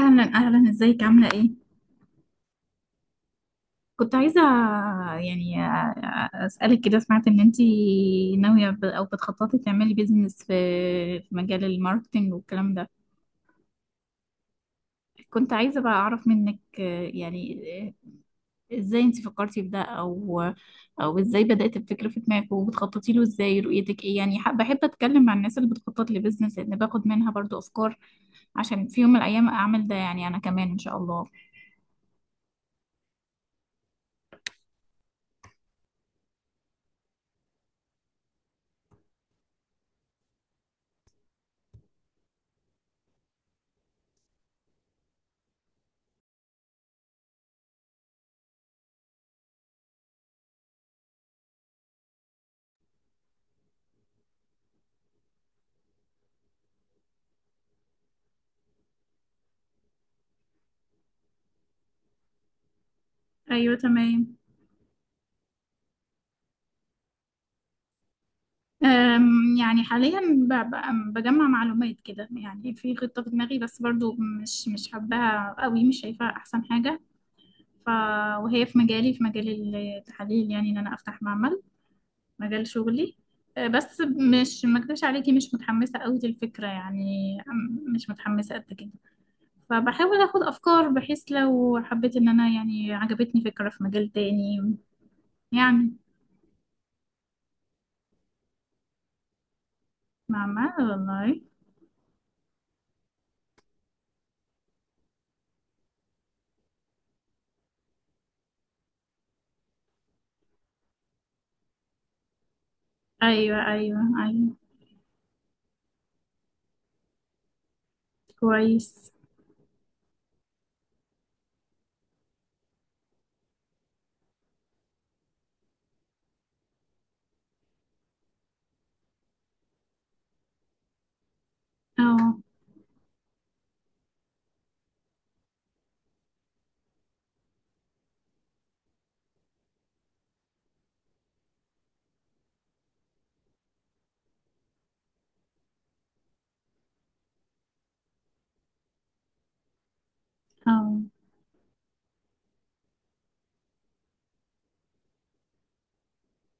اهلا، ازيك؟ عامله ايه؟ كنت عايزه يعني اسالك كده. سمعت ان انتي ناويه او بتخططي تعملي بيزنس في مجال الماركتينج والكلام ده. كنت عايزه بقى اعرف منك، ازاي انتي فكرتي في ده، او ازاي بدات الفكره في دماغك، وبتخططي له ازاي، رؤيتك ايه يعني. بحب اتكلم مع الناس اللي بتخطط لبيزنس، لان باخد منها برضو افكار عشان في يوم من الايام اعمل ده يعني انا كمان ان شاء الله. ايوه تمام. يعني حاليا بجمع معلومات كده، يعني في خطة في دماغي، بس برضو مش حباها قوي، مش شايفاها أحسن حاجة. ف وهي في مجالي، في مجال التحاليل، يعني إن أنا أفتح معمل، مجال شغلي. بس مش ما أكدبش عليكي، مش متحمسة قوي للفكرة، يعني مش متحمسة قد كده. فبحاول أخد أفكار بحيث لو حبيت إن أنا يعني عجبتني فكرة في مجال تاني يعني. معمل والله؟ أيوه أيوه أيوه. كويس. اه. اه.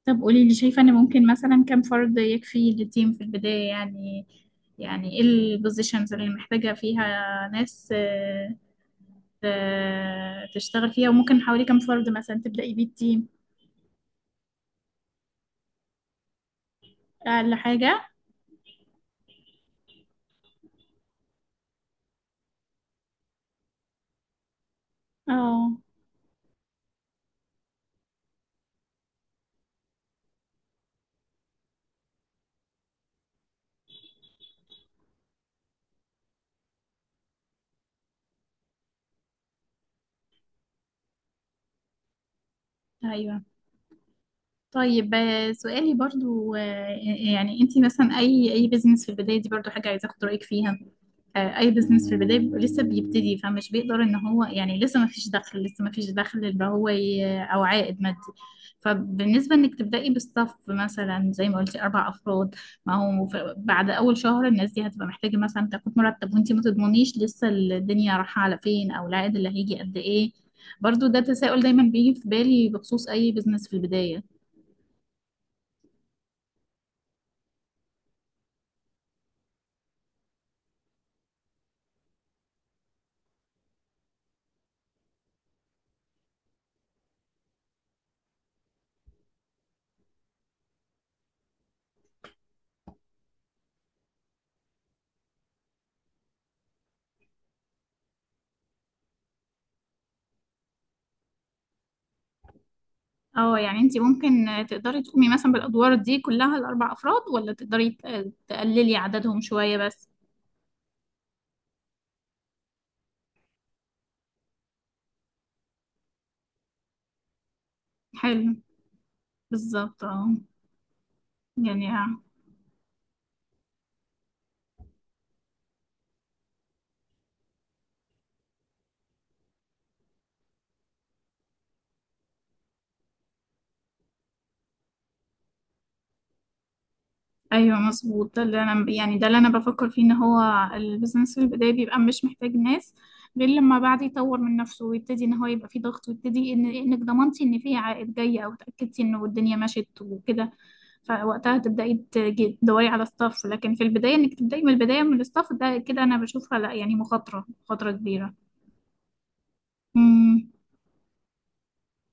طب قولي لي، شايفة ان ممكن مثلا كم فرد يكفي للتيم في البداية، يعني يعني ايه البوزيشنز اللي محتاجة فيها ناس تشتغل فيها، وممكن حوالي كم فرد مثلا تبدأي بيه التيم؟ اقل حاجة؟ اه. ايوه. طيب سؤالي برضو، يعني انتي مثلا اي بيزنس في البداية دي، برضو حاجة عايزة اخد رأيك فيها. اي بزنس في البدايه بيبقى لسه بيبتدي، فمش بيقدر ان هو يعني، لسه ما فيش دخل، لسه ما فيش دخل اللي هو او عائد مادي. فبالنسبه انك تبداي بستاف مثلا زي ما قلتي اربع افراد، ما هو بعد اول شهر الناس دي هتبقى محتاجه مثلا تاخد مرتب، وانت ما تضمنيش لسه الدنيا رايحه على فين او العائد اللي هيجي قد ايه. برضو ده تساؤل دايما بيجي في بالي بخصوص اي بزنس في البدايه. اه، يعني انت ممكن تقدري تقومي مثلا بالادوار دي كلها الاربع افراد، ولا تقدري تقللي عددهم شويه بس؟ حلو. بالظبط اه. يعني. ايوه مظبوط، ده اللي انا يعني ده اللي انا بفكر فيه، ان هو البيزنس في البداية بيبقى مش محتاج ناس غير لما بعد يطور من نفسه ويبتدي ان هو يبقى فيه ضغط، ويبتدي ان انك ضمنتي ان فيه عائد جاي، او اتاكدتي انه الدنيا مشيت وكده. فوقتها تبداي تدوري على ستاف. لكن في البدايه انك تبداي من البدايه من الستاف ده كده، انا بشوفها لا يعني، مخاطره كبيره. امم.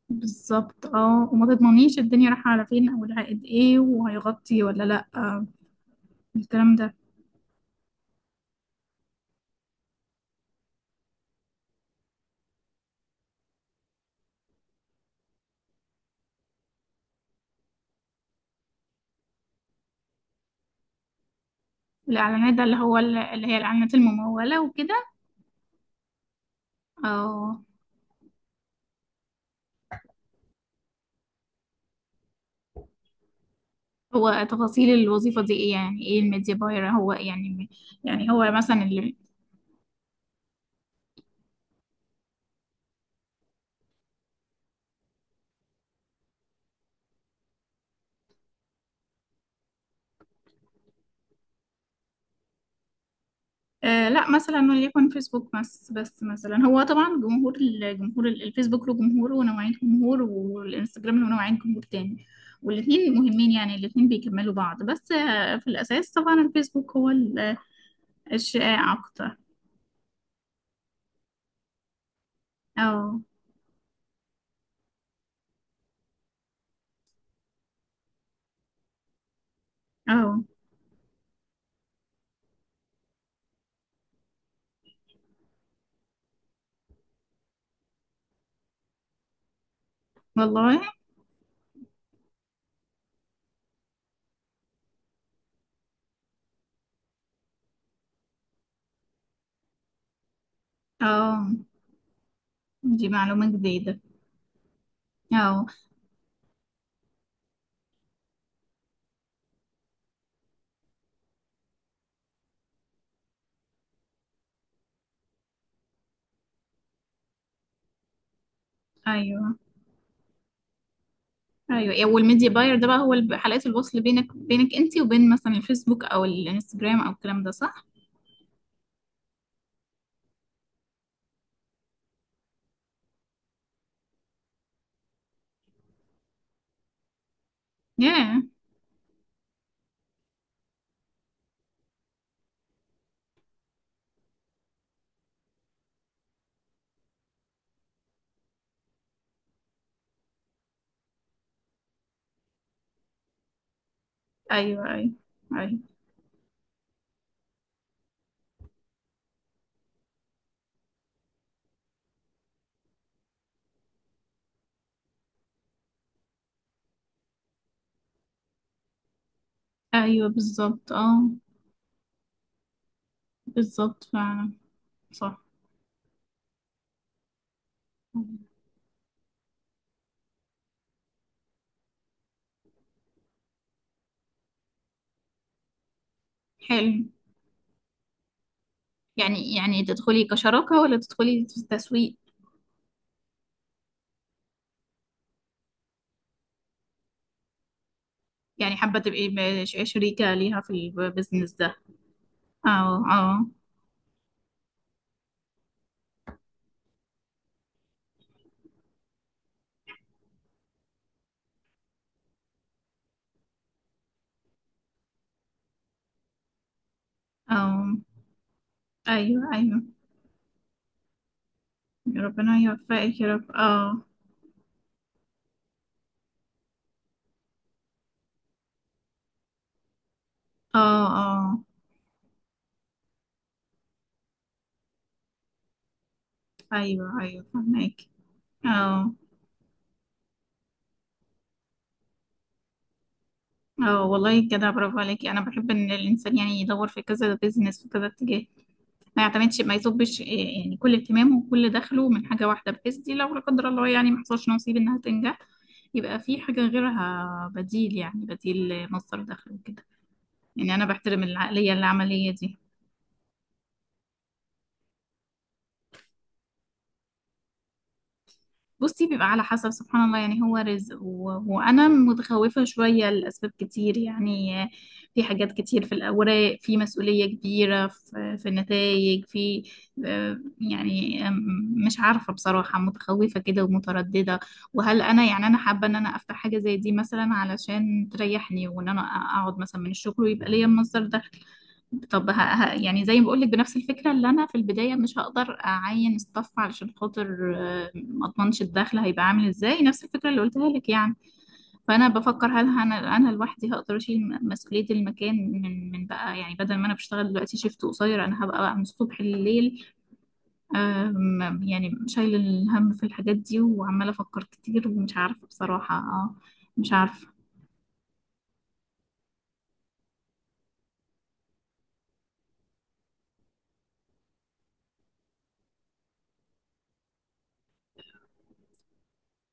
بالظبط اه، وما تضمنيش الدنيا رايحه على فين، او العائد ايه، وهيغطي ولا لا، الكلام ده. الإعلانات ده اللي هو اللي هي الإعلانات الممولة وكده؟ اه، هو تفاصيل الوظيفة دي إيه، يعني إيه الميديا باير هو يعني، يعني هو مثلا اللي… آه لا، مثلا وليكن فيسبوك بس، بس مثلا هو طبعا جمهور، الجمهور، الفيسبوك له جمهور ونوعين جمهور، والانستجرام له نوعين جمهور تاني. والاتنين مهمين يعني، الاتنين بيكملوا بعض، بس آه في الأساس طبعا الفيسبوك هو الشائع أكتر. اه. اه. والله. اه، دي معلومة جديدة. اه. ايوه ايوه. والميديا باير ده بقى هو حلقة الوصل بينك، انت وبين مثلا الفيسبوك او الانستجرام او الكلام ده، صح؟ ياه. ايوه ايوه ايوه ايوه. بالظبط اه. بالظبط فعلا. صح. حلو. يعني، يعني تدخلي كشراكة ولا تدخلي في التسويق؟ يعني حابة تبقي شريكة ليها في البيزنس ده؟ اه. اه. اه. ايوه. ربنا يوفقك يا رب. اه. اه. اه. ايوه ايوه فهمك. اه. اه والله، كده برافو عليكي، انا بحب ان الانسان يعني يدور في كذا بيزنس وكذا اتجاه، ما يعتمدش ما يصبش يعني كل اهتمامه وكل دخله من حاجه واحده، بحيث دي لو لا قدر الله يعني ما حصلش نصيب انها تنجح، يبقى في حاجه غيرها بديل، يعني بديل مصدر دخل وكده. يعني انا بحترم العقليه العمليه دي. بصي، بيبقى على حسب، سبحان الله، يعني هو رزق. و… وانا متخوفه شويه لاسباب كتير يعني، في حاجات كتير، في الاوراق، في مسؤوليه كبيره في، في النتائج، في آه، يعني آم، مش عارفه بصراحه، متخوفه كده ومتردده. وهل انا يعني، انا حابه ان انا افتح حاجه زي دي مثلا علشان تريحني، وان انا اقعد مثلا من الشغل ويبقى ليا المصدر ده. طب يعني زي ما بقول لك، بنفس الفكره، اللي انا في البدايه مش هقدر اعين ستاف علشان خاطر ما اضمنش الدخل هيبقى عامل ازاي، نفس الفكره اللي قلتها لك يعني. فانا بفكر، هل انا، انا لوحدي هقدر اشيل مسؤوليه المكان من بقى، يعني بدل ما انا بشتغل دلوقتي شيفت قصير، انا هبقى بقى من الصبح لليل. يعني شايل الهم في الحاجات دي، وعماله افكر كتير، ومش عارفه بصراحه، مش عارفه.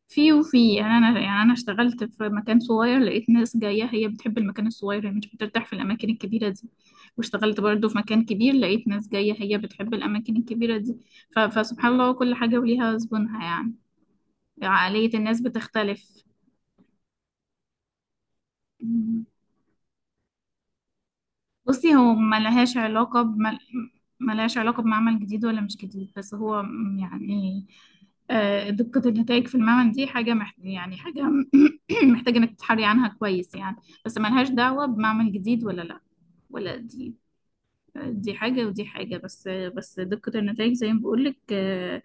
في وفي يعني، انا يعني انا اشتغلت في مكان صغير لقيت ناس جايه هي بتحب المكان الصغير، هي مش بترتاح في الاماكن الكبيره دي. واشتغلت برضو في مكان كبير لقيت ناس جايه هي بتحب الاماكن الكبيره دي. فسبحان الله، كل حاجه وليها زبونها يعني، عقليه الناس بتختلف. بصي، هو ملهاش علاقة ملهاش علاقة بمعمل جديد ولا مش جديد، بس هو يعني دقة النتائج في المعمل دي حاجة يعني حاجة محتاجة انك تتحري عنها كويس يعني. بس ملهاش دعوة بمعمل جديد ولا لا، ولا دي. دي حاجة ودي حاجة، بس دقة النتائج زي ما بقولك، آه،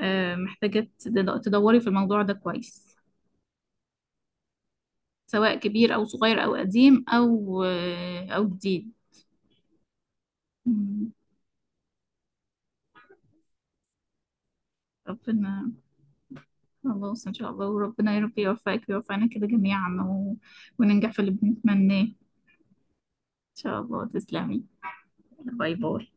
آه، محتاجة تدوري في الموضوع ده كويس، سواء كبير أو صغير أو قديم أو أو جديد. مم. ربنا. خلاص إن شاء الله، وربنا يا رب يوفقك ويوفقنا كده جميعا، و… وننجح في اللي بنتمناه إن شاء الله. تسلمي. باي باي.